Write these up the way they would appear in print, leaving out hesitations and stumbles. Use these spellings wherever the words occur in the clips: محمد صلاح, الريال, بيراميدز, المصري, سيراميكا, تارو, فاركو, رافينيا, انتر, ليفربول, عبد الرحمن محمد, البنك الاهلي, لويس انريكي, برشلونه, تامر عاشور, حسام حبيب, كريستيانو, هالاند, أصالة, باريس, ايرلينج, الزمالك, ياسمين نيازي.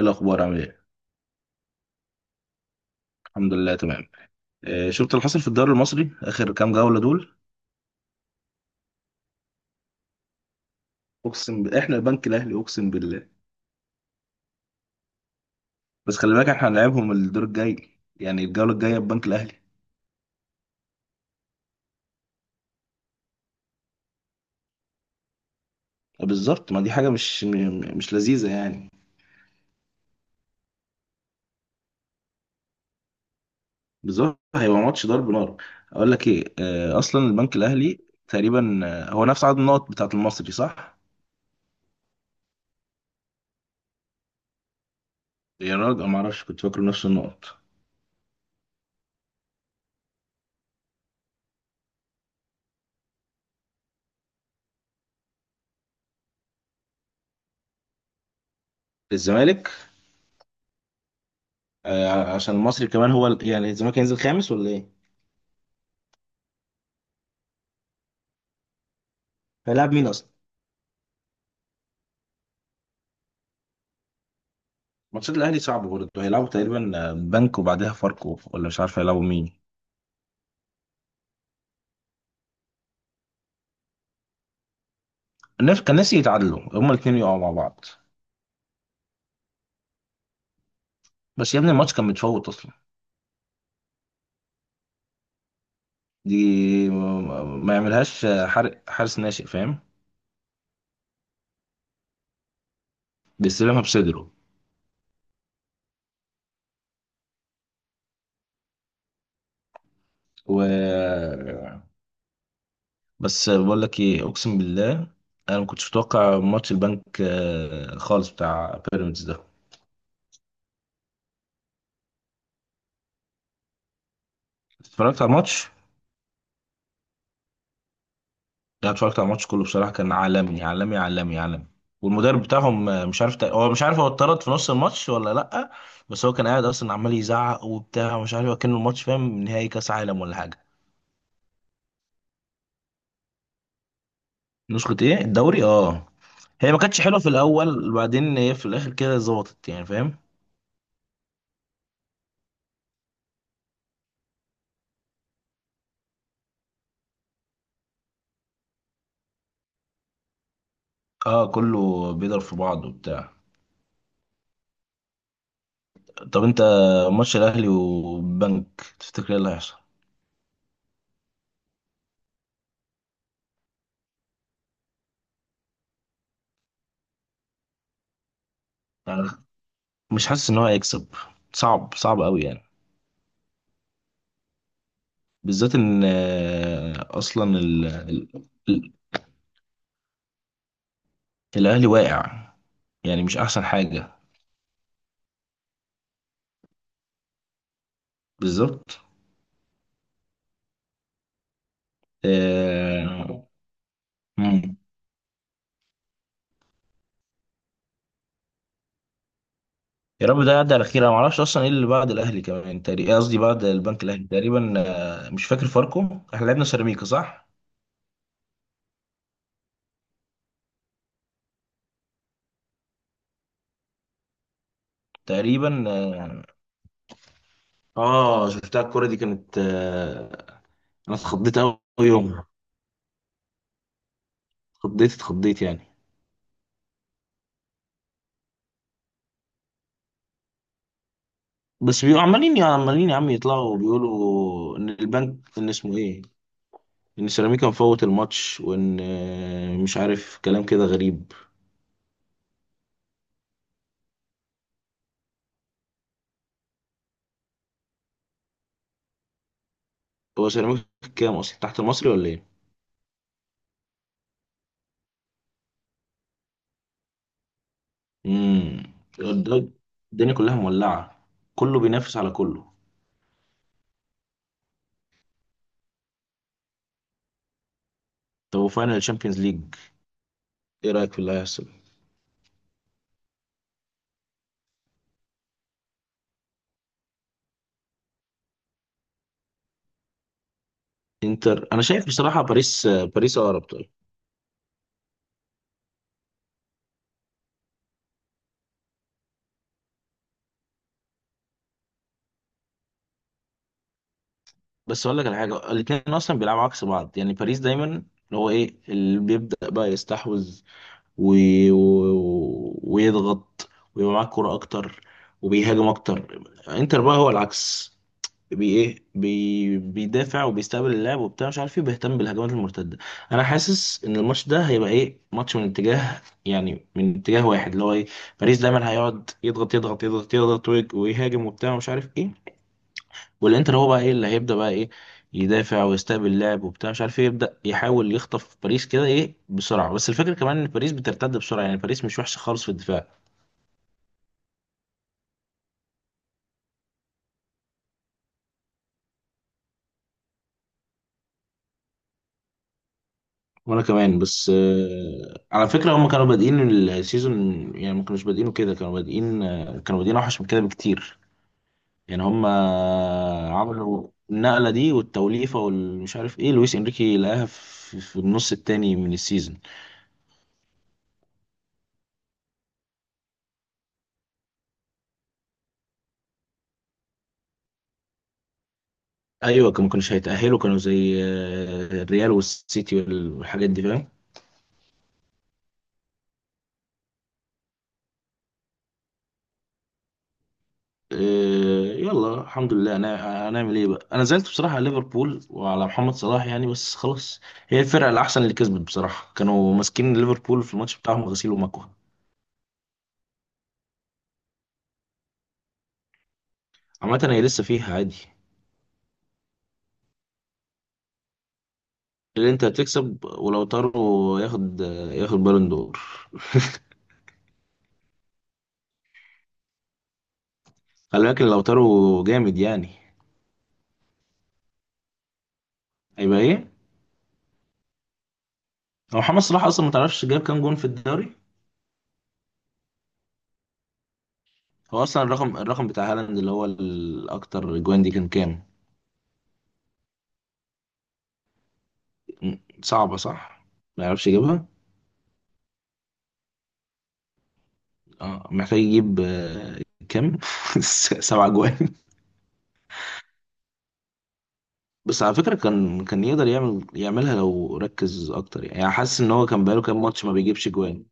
ايه الاخبار؟ عامل ايه؟ الحمد لله تمام. آه، شفت اللي حصل في الدوري المصري اخر كام جوله دول؟ احنا البنك الاهلي، اقسم بالله. بس خلي بالك، احنا هنلعبهم الدور الجاي، يعني الجوله الجايه، البنك الاهلي. بالظبط، ما دي حاجه مش لذيذه يعني. بالظبط، هيبقى ماتش ضرب نار. اقول لك ايه، آه، اصلا البنك الاهلي تقريبا آه، هو نفس عدد النقط بتاعه المصري، صح؟ يا راجل، ما اعرفش، كنت فاكره نفس النقط. الزمالك؟ آه، عشان المصري كمان هو يعني الزمالك هينزل خامس ولا ايه؟ هيلعب مين اصلا؟ ماتشات الاهلي صعب برضه، هيلعبوا تقريبا بنك وبعدها فاركو، ولا مش عارف هيلعبوا مين. الناس كان ناسي يتعادلوا، هما الاثنين يقعوا مع بعض. بس يا ابني الماتش كان متفوت اصلا. دي، ما يعملهاش، حارس ناشئ، فاهم؟ بيستلمها بصدره. و بس بقول لك ايه، اقسم بالله، انا ما كنتش متوقع ماتش البنك خالص، بتاع بيراميدز ده. اتفرجت على الماتش؟ لا، اتفرجت على الماتش كله بصراحه، كان عالمي عالمي عالمي عالمي. والمدرب بتاعهم آه، مش عارف، هو مش عارف، هو اتطرد في نص الماتش ولا لا؟ بس هو كان قاعد اصلا عمال يزعق وبتاع ومش عارف، كان الماتش فاهم نهائي كاس عالم ولا حاجه. نسخه ايه الدوري؟ اه، هي ما كانتش حلوه في الاول وبعدين هي في الاخر كده ظبطت يعني، فاهم؟ اه، كله بيضرب في بعض وبتاع. طب انت، ماتش الاهلي وبنك، تفتكر ايه اللي هيحصل؟ يعني مش حاسس ان هو هيكسب. صعب صعب قوي يعني. بالذات ان آه، اصلا ال- الاهلي واقع، يعني مش احسن حاجه. بالظبط. آه، مم. يا رب ده يعدي على خير. انا ما اعرفش اصلا ايه اللي بعد الاهلي، كمان تقريبا، قصدي بعد البنك الاهلي. تقريبا مش فاكر، فاركو. احنا لعبنا سيراميكا، صح؟ تقريبا اه. اه، شفتها الكرة دي، كانت آه، انا اتخضيت قوي يومها. اتخضيت اتخضيت يعني. بس بيبقوا عمالين يا عمالين يا عم يطلعوا وبيقولوا ان البنك، ان اسمه ايه، ان سيراميكا مفوت الماتش، وان آه، مش عارف، كلام كده غريب. هو سيراميكا كام اصلا تحت المصري ولا ايه؟ امم، ده- الدنيا كلها مولعه، كله بينافس على كله. طب وفاينل تشامبيونز ليج، ايه رايك في اللي هيحصل؟ انتر، انا شايف بصراحه باريس آه، باريس اقرب، طيب. بس اقول لك على حاجه، الاثنين اصلا بيلعبوا عكس بعض، يعني باريس دايما اللي هو ايه، اللي بيبدا بقى يستحوذ و... ويضغط ويبقى معاك كوره اكتر وبيهاجم اكتر. انتر بقى هو العكس، بي بيدافع وبيستقبل اللاعب وبتاع، مش عارف ايه، بيهتم بالهجمات المرتده. انا حاسس ان الماتش ده هيبقى ايه، ماتش من اتجاه، يعني من اتجاه واحد، اللي هو ايه، باريس دايما هيقعد يضغط يضغط يضغط يضغط ويهاجم وبتاع، مش عارف ايه. والانتر هو بقى ايه، اللي هيبدا بقى ايه، يدافع ويستقبل اللاعب وبتاع، مش عارف ايه، يبدا يحاول يخطف باريس كده ايه، بسرعه. بس الفكره كمان ان باريس بترتد بسرعه، يعني باريس مش وحشه خالص في الدفاع. وانا كمان، بس آه، على فكرة، هم كانوا بادئين السيزون، يعني ما كانوش بادئينه كده، كانوا بادئين آه، كانوا بادئين اوحش من كده بكتير. يعني هم آه، عملوا النقلة دي والتوليفة والمش عارف ايه، لويس انريكي لقاها في النص التاني من السيزون. ايوه، كانوا ما كانوش هيتأهلوا، كانوا زي آه، الريال والسيتي والحاجات دي، فاهم؟ إيه، يلا الحمد لله، انا هنعمل ايه بقى؟ انا زعلت بصراحه على ليفربول وعلى محمد صلاح يعني، بس خلاص. هي الفرقه الاحسن اللي كسبت بصراحه، كانوا ماسكين ليفربول في الماتش بتاعهم غسيل ومكوى. عامه هي لسه فيها عادي، اللي انت هتكسب، ولو تارو ياخد، ياخد بالون دور. خلي بالك لو تارو جامد يعني. هيبقى ايه. هو محمد صلاح اصلا، ما تعرفش جاب كام جون في الدوري؟ هو اصلا الرقم، الرقم بتاع هالاند اللي هو الاكتر جوان دي، كان كام؟ صعبه، صح، ما يعرفش يجيبها. اه محتاج يجيب آه، كام سبع جوان. بس على فكرة كان، كان يقدر يعمل، يعملها لو ركز اكتر، يعني يعني حاسس ان هو كان بقاله كام ماتش ما بيجيبش جوان.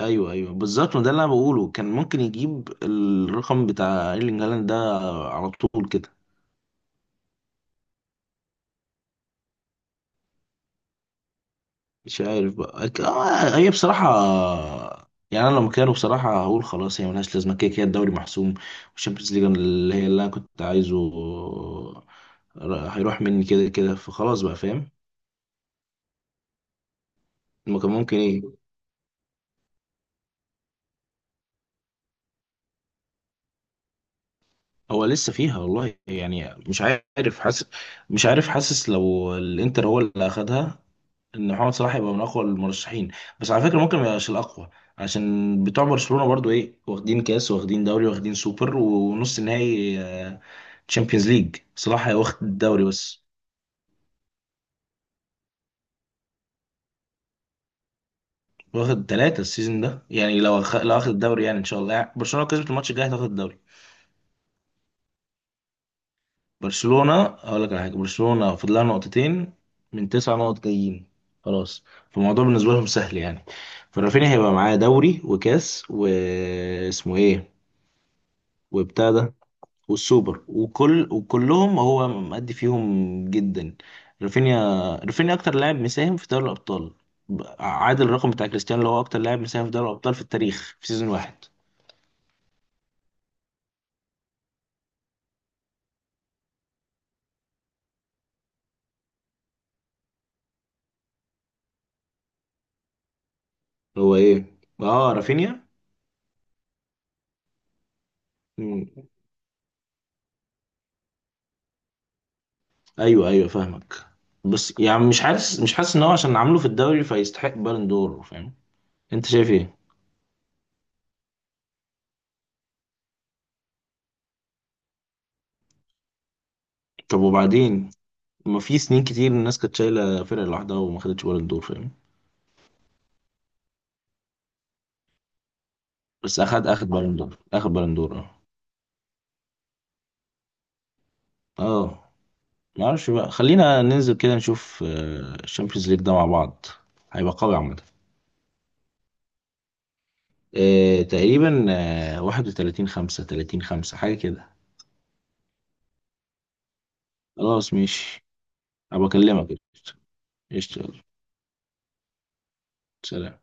ايوه ايوه، بالظبط، ما ده اللي انا بقوله، كان ممكن يجيب الرقم بتاع ايرلينج هالاند ده على طول كده. مش عارف بقى آه، هي بصراحة يعني، انا لو مكانه بصراحة هقول خلاص، هي ملهاش لازمة، كده كده الدوري محسوم، والشامبيونز ليج اللي هي اللي انا كنت عايزه، هيروح مني كده كده، فخلاص بقى، فاهم؟ ما كان ممكن ايه. هو لسه فيها والله يعني، مش عارف حاسس لو الانتر هو اللي اخدها، ان محمد صلاح يبقى من اقوى المرشحين. بس على فكره ممكن ما يبقاش الاقوى، عشان بتوع برشلونه برضو ايه، واخدين كاس واخدين دوري واخدين سوبر ونص نهائي تشامبيونز ليج، صلاح واخد الدوري بس، واخد ثلاثه السيزون ده، يعني لو لو اخد الدوري، يعني ان شاء الله يعني. برشلونه لو كسبت الماتش الجاي هتاخد الدوري. برشلونة، هقول لك على حاجة، برشلونة فاضل لها نقطتين من تسع نقط جايين، خلاص، فالموضوع بالنسبة لهم سهل يعني. فرافينيا هيبقى معاه دوري وكاس واسمه ايه وبتاع ده، والسوبر، وكلهم هو مأدي فيهم جدا، رافينيا. رافينيا أكتر لاعب مساهم في دوري الأبطال، عادل الرقم بتاع كريستيانو، اللي هو أكتر لاعب مساهم في دوري الأبطال في التاريخ في سيزون واحد. هو ايه، اه رافينيا. ايوه ايوه، فاهمك. بس يعني مش حاسس ان هو عشان عامله في الدوري فيستحق بالون دور، فاهم؟ انت شايف ايه؟ طب وبعدين، ما في سنين كتير الناس كانت شايله فرقه لوحدها وما خدتش بالون دور، فاهم؟ بس اخد، اخد بالون دور، اخد بالون دور، اه. اه، ما اعرفش بقى، خلينا ننزل كده نشوف الشامبيونز ليج ده مع بعض، هيبقى قوي عامه. آه، تقريبا آه، 31 5 30 5 حاجه كده. خلاص ماشي، هبقى اكلمك، قشطة. قشطة، يلا. سلام